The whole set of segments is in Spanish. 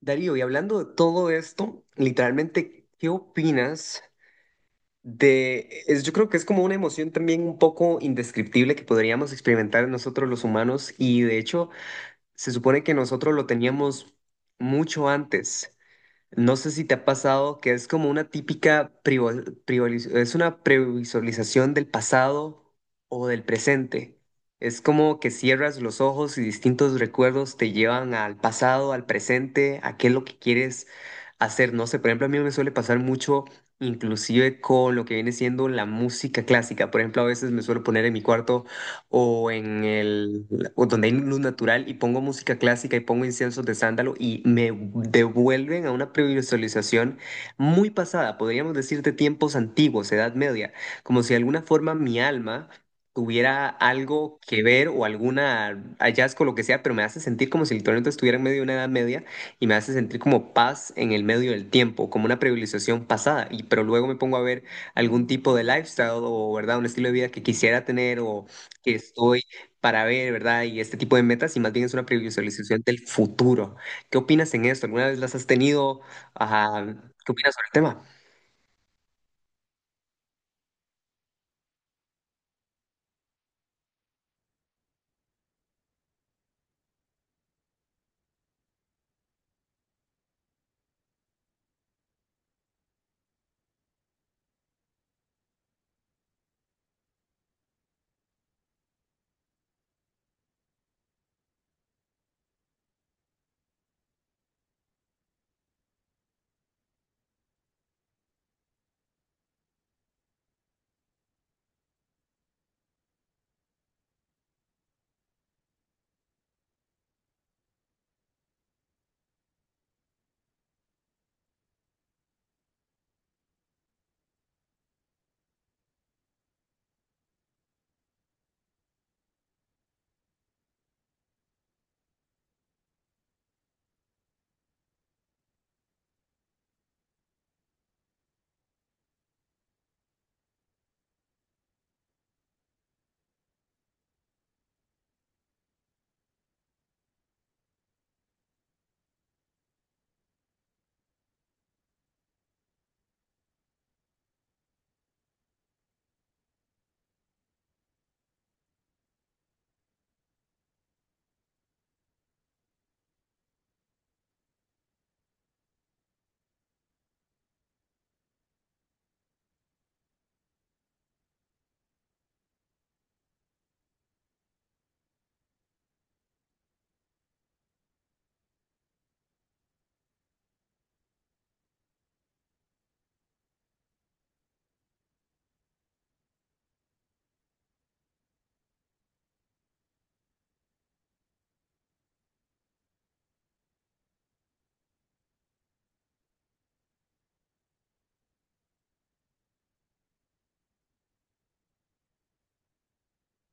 Darío, y hablando de todo esto, literalmente, ¿qué opinas de, es, yo creo que es como una emoción también un poco indescriptible que podríamos experimentar nosotros los humanos y de hecho se supone que nosotros lo teníamos mucho antes. No sé si te ha pasado que es como una típica es una previsualización del pasado o del presente. Es como que cierras los ojos y distintos recuerdos te llevan al pasado, al presente, a qué es lo que quieres hacer. No sé, por ejemplo, a mí me suele pasar mucho, inclusive con lo que viene siendo la música clásica. Por ejemplo, a veces me suelo poner en mi cuarto o en el, o donde hay luz natural y pongo música clásica y pongo inciensos de sándalo y me devuelven a una previsualización muy pasada, podríamos decir de tiempos antiguos, Edad Media, como si de alguna forma mi alma tuviera algo que ver o alguna hallazgo, lo que sea, pero me hace sentir como si literalmente estuviera en medio de una edad media y me hace sentir como paz en el medio del tiempo, como una privilegiación pasada, y pero luego me pongo a ver algún tipo de lifestyle o, ¿verdad?, un estilo de vida que quisiera tener o que estoy para ver, ¿verdad? Y este tipo de metas, y más bien es una previsualización del futuro. ¿Qué opinas en esto? ¿Alguna vez las has tenido? Ajá, ¿qué opinas sobre el tema?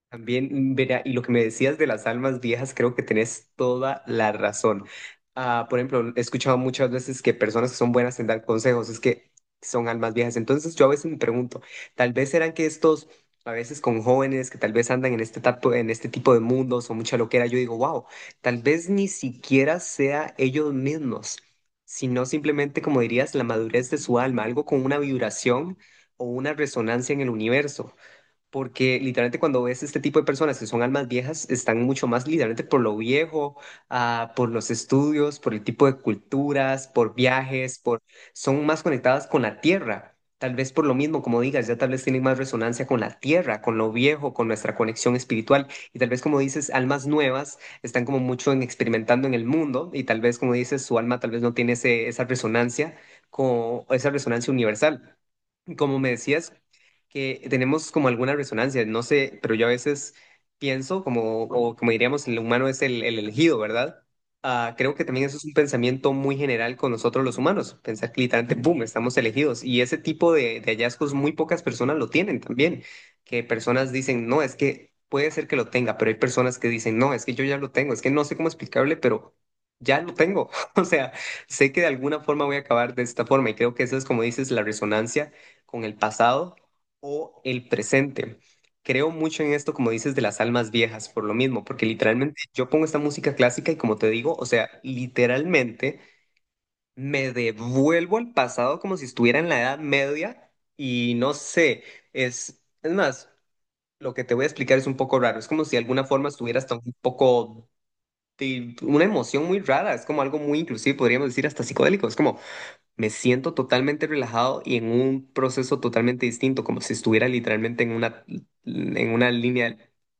También, verá, y lo que me decías de las almas viejas, creo que tenés toda la razón. Ah, por ejemplo, he escuchado muchas veces que personas que son buenas en dar consejos es que son almas viejas. Entonces yo a veces me pregunto, tal vez serán que estos, a veces con jóvenes que tal vez andan en este, en este tipo de mundos o mucha loquera, yo digo, wow, tal vez ni siquiera sea ellos mismos, sino simplemente, como dirías, la madurez de su alma, algo con una vibración o una resonancia en el universo. Porque literalmente cuando ves este tipo de personas que son almas viejas, están mucho más literalmente por lo viejo, ah, por los estudios, por el tipo de culturas, por viajes, por son más conectadas con la tierra. Tal vez por lo mismo, como digas, ya tal vez tienen más resonancia con la tierra, con lo viejo, con nuestra conexión espiritual. Y tal vez, como dices, almas nuevas están como mucho en experimentando en el mundo y tal vez, como dices, su alma tal vez no tiene esa resonancia, con, esa resonancia universal. Como me decías, que tenemos como alguna resonancia, no sé, pero yo a veces pienso como, o como diríamos, el humano es el elegido, ¿verdad? Ah, creo que también eso es un pensamiento muy general con nosotros los humanos, pensar que literalmente, boom, estamos elegidos. Y ese tipo de, hallazgos muy pocas personas lo tienen también, que personas dicen, no, es que puede ser que lo tenga, pero hay personas que dicen, no, es que yo ya lo tengo, es que no sé cómo explicarle, pero ya lo tengo. O sea, sé que de alguna forma voy a acabar de esta forma y creo que eso es como dices, la resonancia con el pasado o el presente. Creo mucho en esto, como dices, de las almas viejas, por lo mismo, porque literalmente yo pongo esta música clásica y como te digo, o sea, literalmente me devuelvo al pasado como si estuviera en la Edad Media y no sé, es más, lo que te voy a explicar es un poco raro, es como si de alguna forma estuviera hasta un poco de una emoción muy rara, es como algo muy inclusive, podríamos decir, hasta psicodélico, es como me siento totalmente relajado y en un proceso totalmente distinto, como si estuviera literalmente en una línea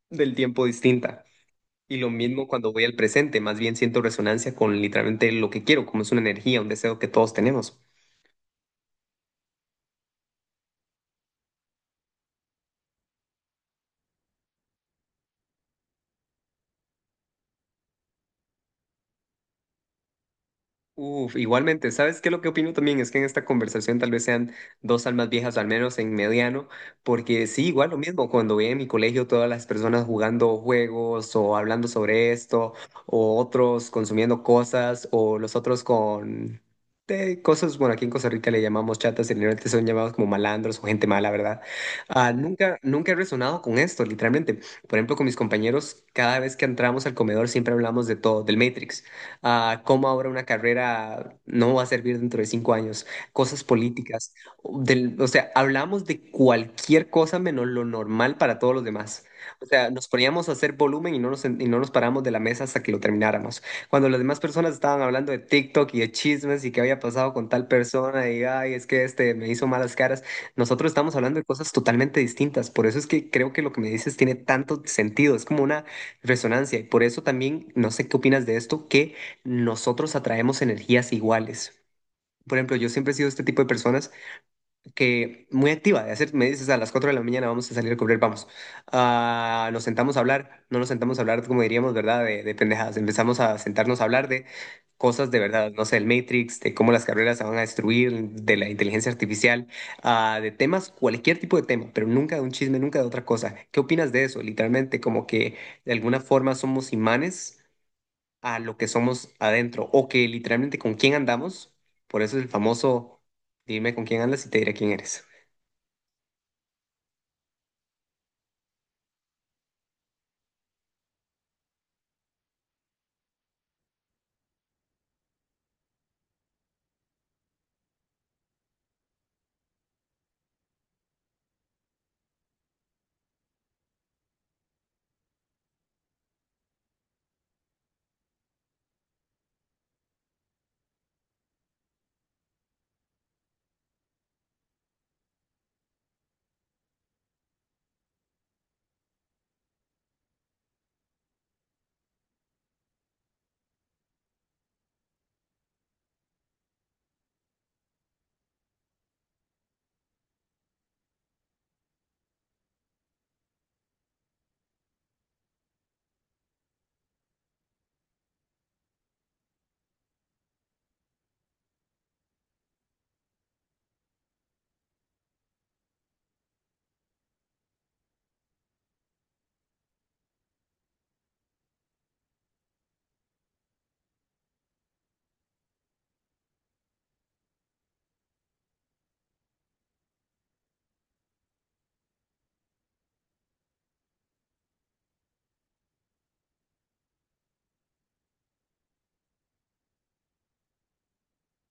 del tiempo distinta. Y lo mismo cuando voy al presente, más bien siento resonancia con literalmente lo que quiero, como es una energía, un deseo que todos tenemos. Uf, igualmente, ¿sabes qué? Lo que opino también es que en esta conversación tal vez sean dos almas viejas, o al menos en mediano, porque sí, igual lo mismo, cuando veía en mi colegio todas las personas jugando juegos o hablando sobre esto, o otros consumiendo cosas, o los otros con cosas, bueno, aquí en Costa Rica le llamamos chatas, y realmente son llamados como malandros o gente mala, ¿verdad? Ah, nunca, nunca he resonado con esto, literalmente. Por ejemplo, con mis compañeros, cada vez que entramos al comedor siempre hablamos de todo, del Matrix a cómo ahora una carrera no va a servir dentro de 5 años, cosas políticas, o sea, hablamos de cualquier cosa menos lo normal para todos los demás. O sea, nos poníamos a hacer volumen y no nos, y no nos paramos de la mesa hasta que lo termináramos. Cuando las demás personas estaban hablando de TikTok y de chismes y qué había pasado con tal persona y, ay, es que este me hizo malas caras, nosotros estamos hablando de cosas totalmente distintas. Por eso es que creo que lo que me dices tiene tanto sentido, es como una resonancia. Y por eso también, no sé qué opinas de esto, que nosotros atraemos energías iguales. Por ejemplo, yo siempre he sido este tipo de personas que muy activa, de hacer, me dices a las 4 de la mañana vamos a salir a correr, vamos. Ah, nos sentamos a hablar, no nos sentamos a hablar como diríamos, ¿verdad? De, pendejadas, empezamos a sentarnos a hablar de cosas de verdad, no sé, el Matrix, de cómo las carreras se van a destruir, de la inteligencia artificial, ah, de temas, cualquier tipo de tema, pero nunca de un chisme, nunca de otra cosa. ¿Qué opinas de eso? Literalmente, como que de alguna forma somos imanes a lo que somos adentro o que literalmente con quién andamos. Por eso es el famoso, dime con quién andas y te diré quién eres.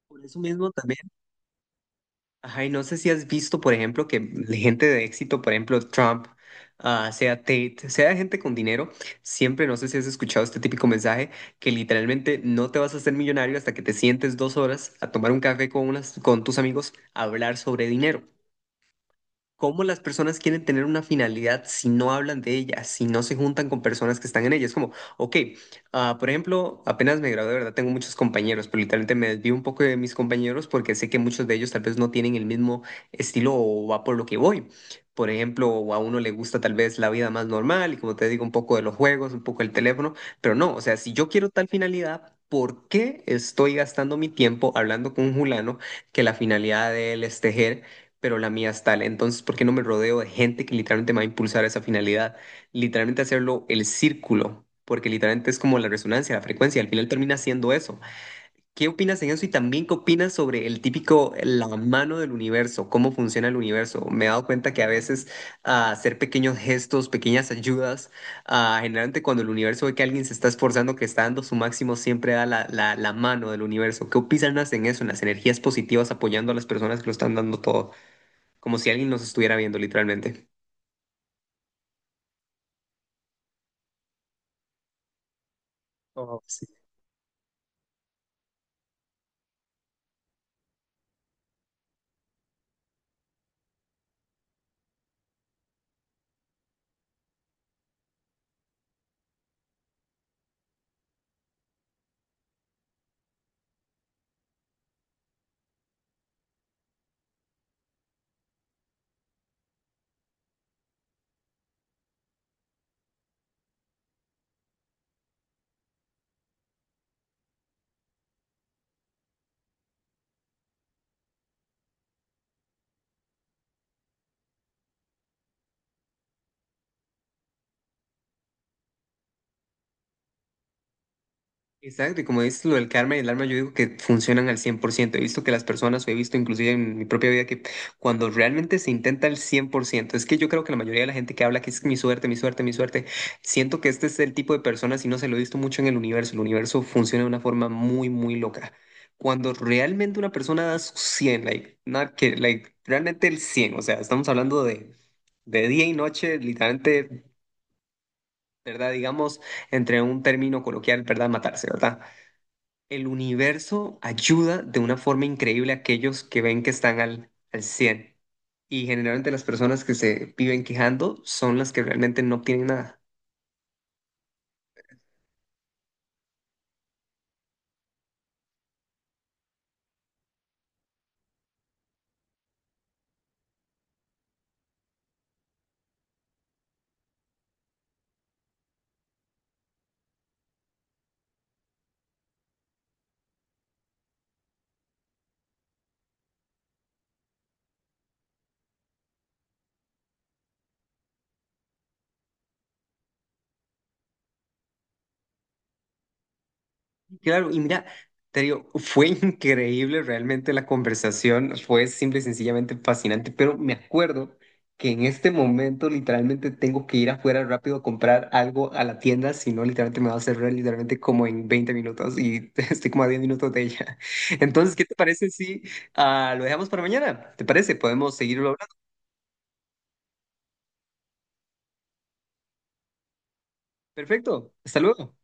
Por eso mismo también, ajá, y no sé si has visto, por ejemplo, que la gente de éxito, por ejemplo, Trump, ah, sea Tate, sea gente con dinero, siempre, no sé si has escuchado este típico mensaje, que literalmente no te vas a hacer millonario hasta que te sientes 2 horas a tomar un café con, unas, con tus amigos a hablar sobre dinero. ¿Cómo las personas quieren tener una finalidad si no hablan de ella, si no se juntan con personas que están en ella? Es como, ok, ah, por ejemplo, apenas me gradué, de verdad, tengo muchos compañeros, pero literalmente me desvío un poco de mis compañeros porque sé que muchos de ellos tal vez no tienen el mismo estilo o va por lo que voy. Por ejemplo, a uno le gusta tal vez la vida más normal y como te digo, un poco de los juegos, un poco el teléfono, pero no, o sea, si yo quiero tal finalidad, ¿por qué estoy gastando mi tiempo hablando con un fulano que la finalidad de él es tejer? Pero la mía es tal. Entonces, ¿por qué no me rodeo de gente que literalmente me va a impulsar a esa finalidad? Literalmente hacerlo el círculo, porque literalmente es como la resonancia, la frecuencia, al final termina siendo eso. ¿Qué opinas en eso? Y también, ¿qué opinas sobre el típico, la mano del universo? ¿Cómo funciona el universo? Me he dado cuenta que a veces ah, hacer pequeños gestos, pequeñas ayudas, ah, generalmente cuando el universo ve que alguien se está esforzando, que está dando su máximo, siempre da la mano del universo. ¿Qué opinas en eso, en las energías positivas apoyando a las personas que lo están dando todo? Como si alguien nos estuviera viendo literalmente. Oh, sí. Exacto, y como dices lo del karma y el alma, yo digo que funcionan al 100%. He visto que las personas, o he visto inclusive en mi propia vida, que cuando realmente se intenta al 100% es que yo creo que la mayoría de la gente que habla que es mi suerte, mi suerte, mi suerte, siento que este es el tipo de personas, y no se lo he visto mucho en el universo funciona de una forma muy, muy loca. Cuando realmente una persona da su 100 like, not que, like, realmente el 100 o sea, estamos hablando de día y noche, literalmente ¿verdad? Digamos, entre un término coloquial, ¿verdad? Matarse, ¿verdad? El universo ayuda de una forma increíble a aquellos que ven que están al cien. Y generalmente las personas que se viven quejando son las que realmente no tienen nada. Claro, y mira, te digo, fue increíble realmente la conversación, fue simple y sencillamente fascinante, pero me acuerdo que en este momento literalmente tengo que ir afuera rápido a comprar algo a la tienda, si no literalmente me va a cerrar literalmente como en 20 minutos y estoy como a 10 minutos de ella. Entonces, ¿qué te parece si ah, lo dejamos para mañana? ¿Te parece? Podemos seguirlo hablando. Perfecto, hasta luego.